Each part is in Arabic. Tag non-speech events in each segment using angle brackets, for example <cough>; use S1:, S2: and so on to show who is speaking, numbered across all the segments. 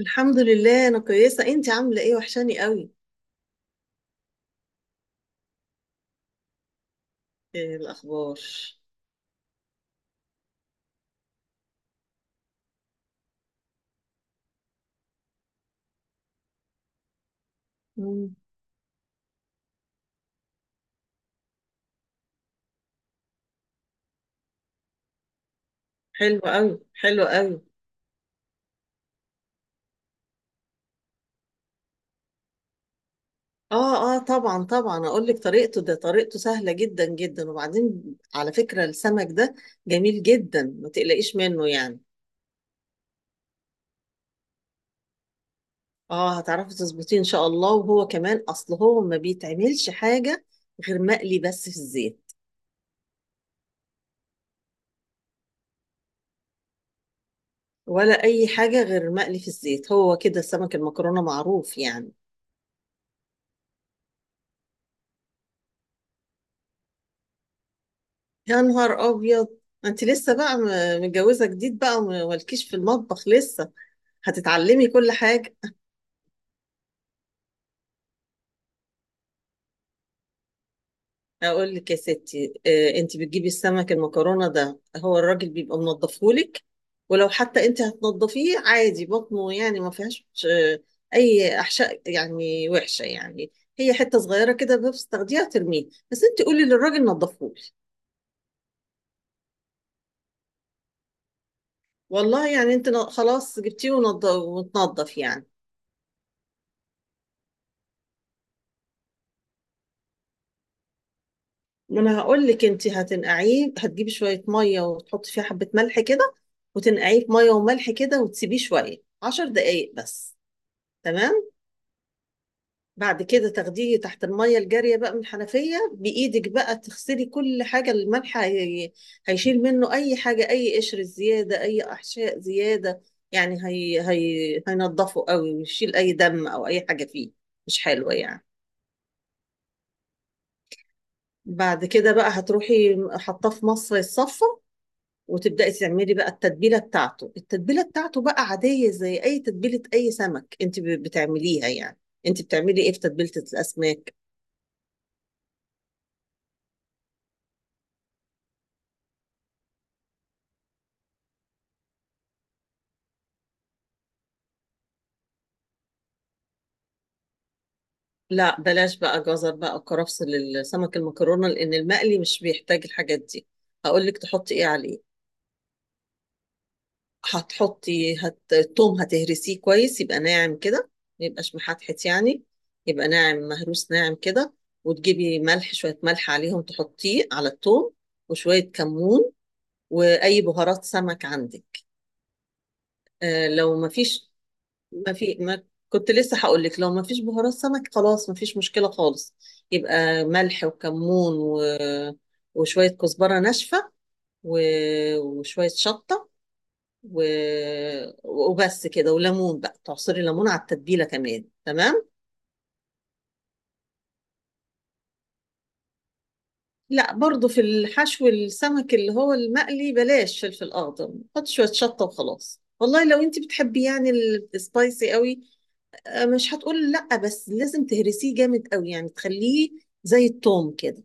S1: الحمد لله، انا كويسه. انت عامله ايه؟ وحشاني قوي. إيه الاخبار؟ مم. حلو قوي. حلو قوي. اه اه طبعا طبعا اقول لك طريقته، ده طريقته سهله جدا جدا. وبعدين على فكره السمك ده جميل جدا، ما تقلقيش منه يعني. اه هتعرفي تظبطيه ان شاء الله، وهو كمان اصل هو ما بيتعملش حاجه غير مقلي بس في الزيت. ولا اي حاجه غير مقلي في الزيت، هو كده سمك المكرونه معروف يعني. يا نهار ابيض! انت لسه بقى متجوزه جديد بقى ومالكيش في المطبخ لسه. هتتعلمي كل حاجه. اقول لك يا ستي، انت بتجيبي السمك المكرونه ده هو الراجل بيبقى منضفهولك. ولو حتى انت هتنضفيه عادي، بطنه يعني ما فيهاش اي احشاء يعني وحشه يعني. هي حته صغيره كده بس تاخديها ترميه، بس انت قولي للراجل نضفهولي. والله يعني انت خلاص جبتيه وتنضف يعني. ما انا هقول لك، انت هتنقعيه. هتجيبي شويه ميه وتحطي فيها حبه ملح كده، وتنقعيه في ميه وملح كده وتسيبيه شويه، 10 دقايق بس. تمام. بعد كده تاخديه تحت الميه الجاريه بقى من الحنفيه، بايدك بقى تغسلي كل حاجه. الملح هيشيل منه اي حاجه، اي قشر زياده، اي احشاء زياده يعني. هينضفه قوي ويشيل اي دم او اي حاجه فيه مش حلوه يعني. بعد كده بقى هتروحي حاطاه في مصفى الصفة، وتبدأي تعملي بقى التتبيلة بتاعته. التتبيلة بتاعته بقى عادية زي أي تتبيلة أي سمك أنت بتعمليها يعني. أنت بتعملي إيه في تتبيلة الأسماك؟ لا بلاش بقى جزر بقى وكرفس للسمك المكرونة، لأن المقلي مش بيحتاج الحاجات دي. هقول لك تحطي إيه عليه. التوم هتهرسيه كويس يبقى ناعم كده، ما يبقاش محتحت يعني، يبقى ناعم مهروس ناعم كده. وتجيبي ملح، شوية ملح عليهم تحطيه على التوم. وشوية كمون. واي بهارات سمك عندك. لو ما فيش، ما كنت لسه هقول لك لو ما فيش بهارات سمك خلاص، ما فيش مشكلة خالص. يبقى ملح وكمون وشوية كزبرة ناشفة، و... وشوية شطة، و... وبس كده. وليمون بقى تعصري ليمون على التتبيلة كمان. تمام. لا برضو في الحشو، السمك اللي هو المقلي بلاش فلفل اخضر، حط شوية شطة وخلاص. والله لو انت بتحبي يعني السبايسي قوي، مش هتقول لأ، بس لازم تهرسيه جامد قوي يعني تخليه زي التوم كده.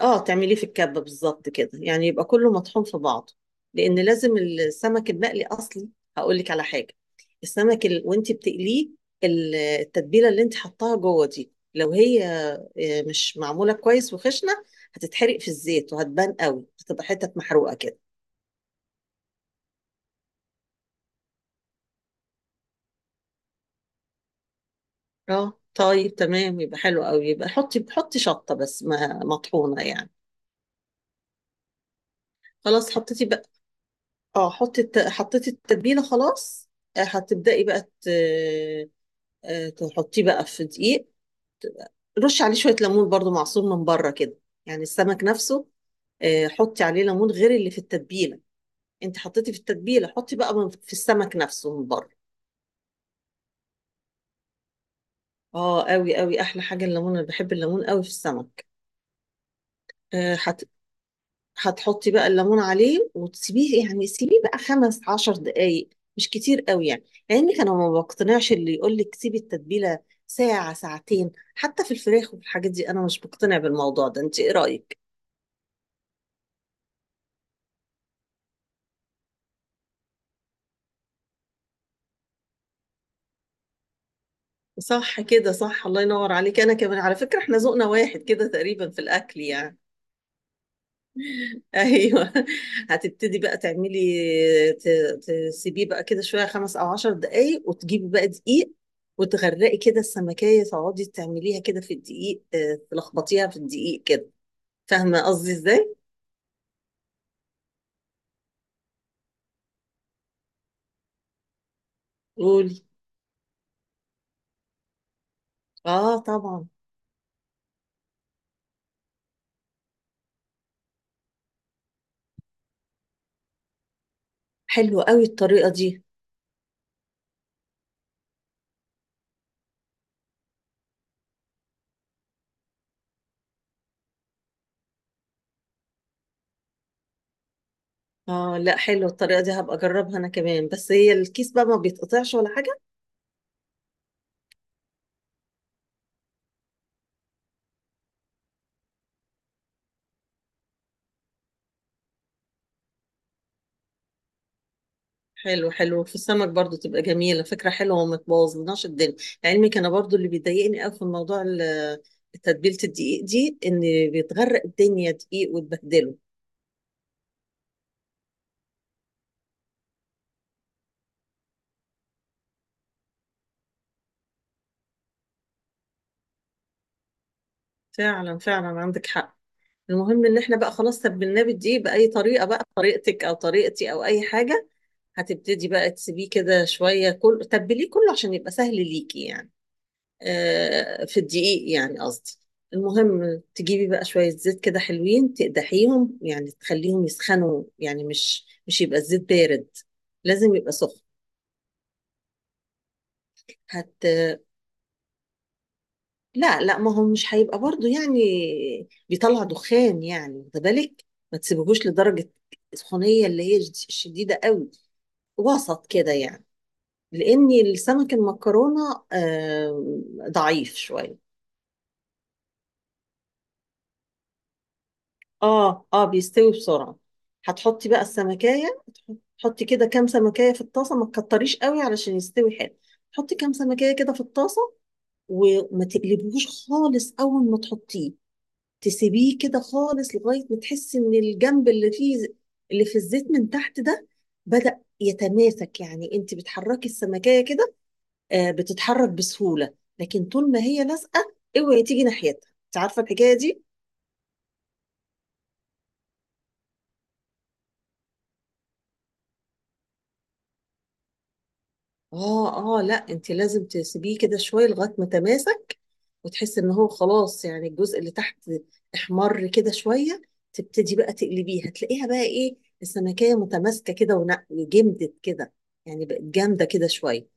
S1: اه تعمليه في الكبة بالظبط كده يعني يبقى كله مطحون في بعضه. لأن لازم السمك المقلي أصلي. هقولك على حاجة، وانت بتقليه، التتبيلة اللي انت حطاها جوه دي لو هي مش معمولة كويس وخشنة، هتتحرق في الزيت وهتبان قوي، هتبقى حتت محروقة كده. اه طيب تمام، يبقى حلو قوي. يبقى حطي، حطي شطة بس ما مطحونة يعني. خلاص حطيتي بقى. اه، حطي حطيتي التتبيله خلاص. هتبداي بقى تحطيه بقى في دقيق. رشي عليه شويه ليمون برضو معصور من بره كده، يعني السمك نفسه. حطي عليه ليمون غير اللي في التتبيله. انت حطيتي في التتبيله، حطي بقى في السمك نفسه من بره. اه قوي قوي، احلى حاجه الليمون، انا بحب الليمون قوي في السمك. آه، هتحطي بقى الليمون عليه وتسيبيه، يعني سيبيه بقى 15 دقايق، مش كتير قوي يعني. لان انا ما بقتنعش اللي يقول لك سيبي التتبيله ساعه ساعتين حتى في الفراخ وفي الحاجات دي. انا مش بقتنع بالموضوع ده، انت ايه رايك؟ صح كده صح. الله ينور عليك. انا كمان على فكره احنا ذوقنا واحد كده تقريبا في الاكل يعني. ايوه <laughs> هتبتدي بقى تعملي، ت- تسيبيه بقى كده شويه 5 او 10 دقايق، وتجيبي بقى دقيق وتغرقي كده السمكيه. تقعدي تعمليها كده في الدقيق، تلخبطيها في الدقيق كده. فاهمه قصدي ازاي؟ قولي. اه طبعا. حلوه قوي الطريقه دي. اه لا، حلوه الطريقه دي، هبقى اجربها انا كمان. بس هي الكيس بقى ما بيتقطعش ولا حاجه؟ حلو، حلو في السمك برضو تبقى جميلة. فكرة حلوة وما تبوظلناش الدنيا. لعلمك أنا برضو اللي بيضايقني أوي في الموضوع، تتبيلة الدقيق دي إن بيتغرق الدنيا دقيق وتبهدله. فعلا فعلا، عندك حق. المهم إن إحنا بقى خلاص تبلناه بالدقيق بأي طريقة بقى، طريقتك أو طريقتي أو أي حاجة. هتبتدي بقى تسيبيه كده شوية كل تبليه كله عشان يبقى سهل ليكي يعني. في الدقيق يعني قصدي. المهم تجيبي بقى شوية زيت كده حلوين، تقدحيهم يعني تخليهم يسخنوا، يعني مش يبقى الزيت بارد، لازم يبقى سخن. هت لا لا، ما هو مش هيبقى برضو يعني بيطلع دخان يعني، واخده بالك، ما تسيبهوش لدرجة السخونية اللي هي شديدة قوي. وسط كده يعني. لأن السمك المكرونة ضعيف شوية. اه اه بيستوي بسرعة. هتحطي بقى السمكية. تحطي كده كام سمكية في الطاسة، ما تكتريش قوي علشان يستوي حلو. تحطي كام سمكية كده في الطاسة. وما تقلبوش خالص أول ما تحطيه. تسيبيه كده خالص لغاية ما تحسي إن الجنب اللي فيه، اللي في الزيت من تحت ده، بدأ يتماسك. يعني أنت بتحركي السمكية كده، آه بتتحرك بسهولة. لكن طول ما هي لازقة اوعي تيجي ناحيتها. أنت عارفة الحكاية دي؟ اه اه لا، انت لازم تسيبيه كده شويه لغايه ما تماسك، وتحس ان هو خلاص يعني الجزء اللي تحت احمر كده شويه. تبتدي بقى تقلبيه، هتلاقيها بقى ايه السمكيه متماسكه كده وجمدت كده، يعني بقت جامده كده شويه.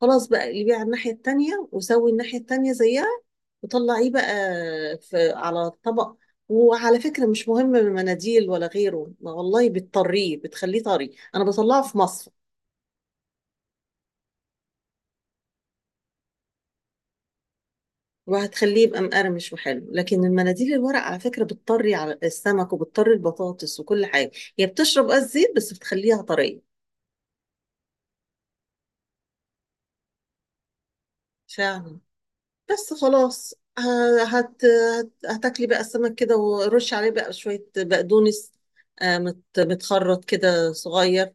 S1: خلاص بقى اقلبيه على الناحيه التانيه وسوي الناحيه التانيه زيها، وطلعيه بقى في على الطبق. وعلى فكره مش مهم المناديل ولا غيره، ما والله بتطريه بتخليه طري. انا بطلعه في مصفى وهتخليه يبقى مقرمش وحلو. لكن المناديل الورق على فكرة بتطري على السمك وبتطري البطاطس وكل حاجة، هي بتشرب قصدي زيت بس بتخليها طرية. فعلا. بس خلاص هتاكلي بقى السمك كده، ورش عليه بقى شوية بقدونس، متخرط كده صغير.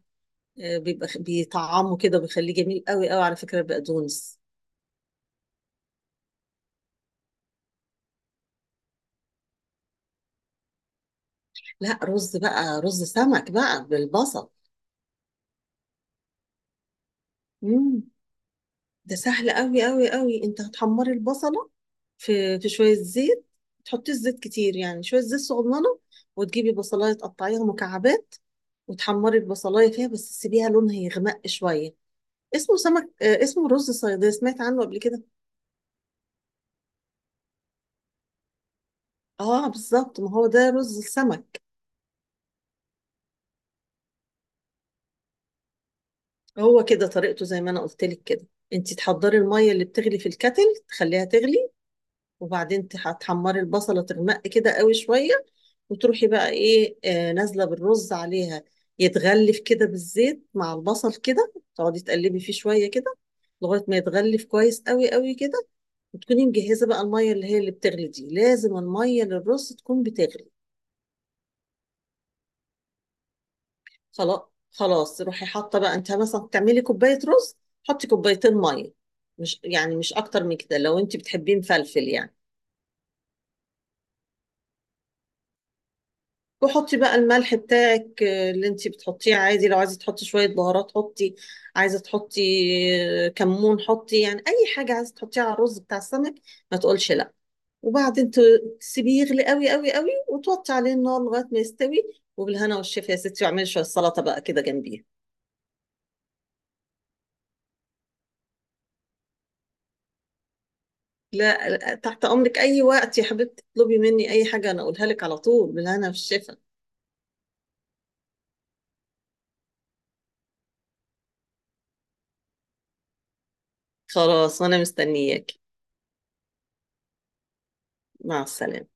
S1: بيبقى بيطعمه كده بيخليه جميل قوي قوي على فكرة البقدونس. لا رز بقى، رز سمك بقى بالبصل. مم. ده سهل قوي قوي قوي. انت هتحمري البصله في شويه زيت. تحطيش زيت كتير يعني، شويه زيت صغننه. وتجيبي بصلايه تقطعيها مكعبات وتحمري البصلايه فيها، بس تسيبيها لونها يغمق شويه. اسمه سمك، اسمه رز صياديه، سمعت عنه قبل كده؟ اه بالظبط، ما هو ده رز السمك. هو كده طريقته زي ما انا قلت لك كده. انت تحضري الميه اللي بتغلي في الكتل، تخليها تغلي. وبعدين تحمري البصلة، تغمق كده قوي شوية. وتروحي بقى ايه، آه نازلة بالرز عليها. يتغلف كده بالزيت مع البصل كده. تقعدي تقلبي فيه شوية كده لغاية ما يتغلف كويس قوي قوي كده. وتكوني مجهزة بقى المية اللي هي اللي بتغلي دي، لازم المية للرز تكون بتغلي. خلاص. خلاص روحي حاطة بقى، انت مثلا تعملي كوباية رز، حطي كوبايتين مية، مش يعني مش اكتر من كده لو انت بتحبيه مفلفل يعني. وحطي بقى الملح بتاعك اللي انتي بتحطيه عادي. لو عايزه تحطي شويه بهارات حطي. عايزه تحطي، كمون حطي. يعني اي حاجه عايزه تحطيها على الرز بتاع السمك ما تقولش لا. وبعدين تسيبيه يغلي قوي قوي قوي، وتوطي عليه النار لغايه ما يستوي. وبالهنا والشفا يا ستي. واعملي شويه سلطه بقى كده جنبيه. لا لا، تحت امرك اي وقت يا حبيبتي، اطلبي مني اي حاجه انا اقولها لك على طول. بالهنا والشفا. خلاص وانا مستنياك. مع السلامه.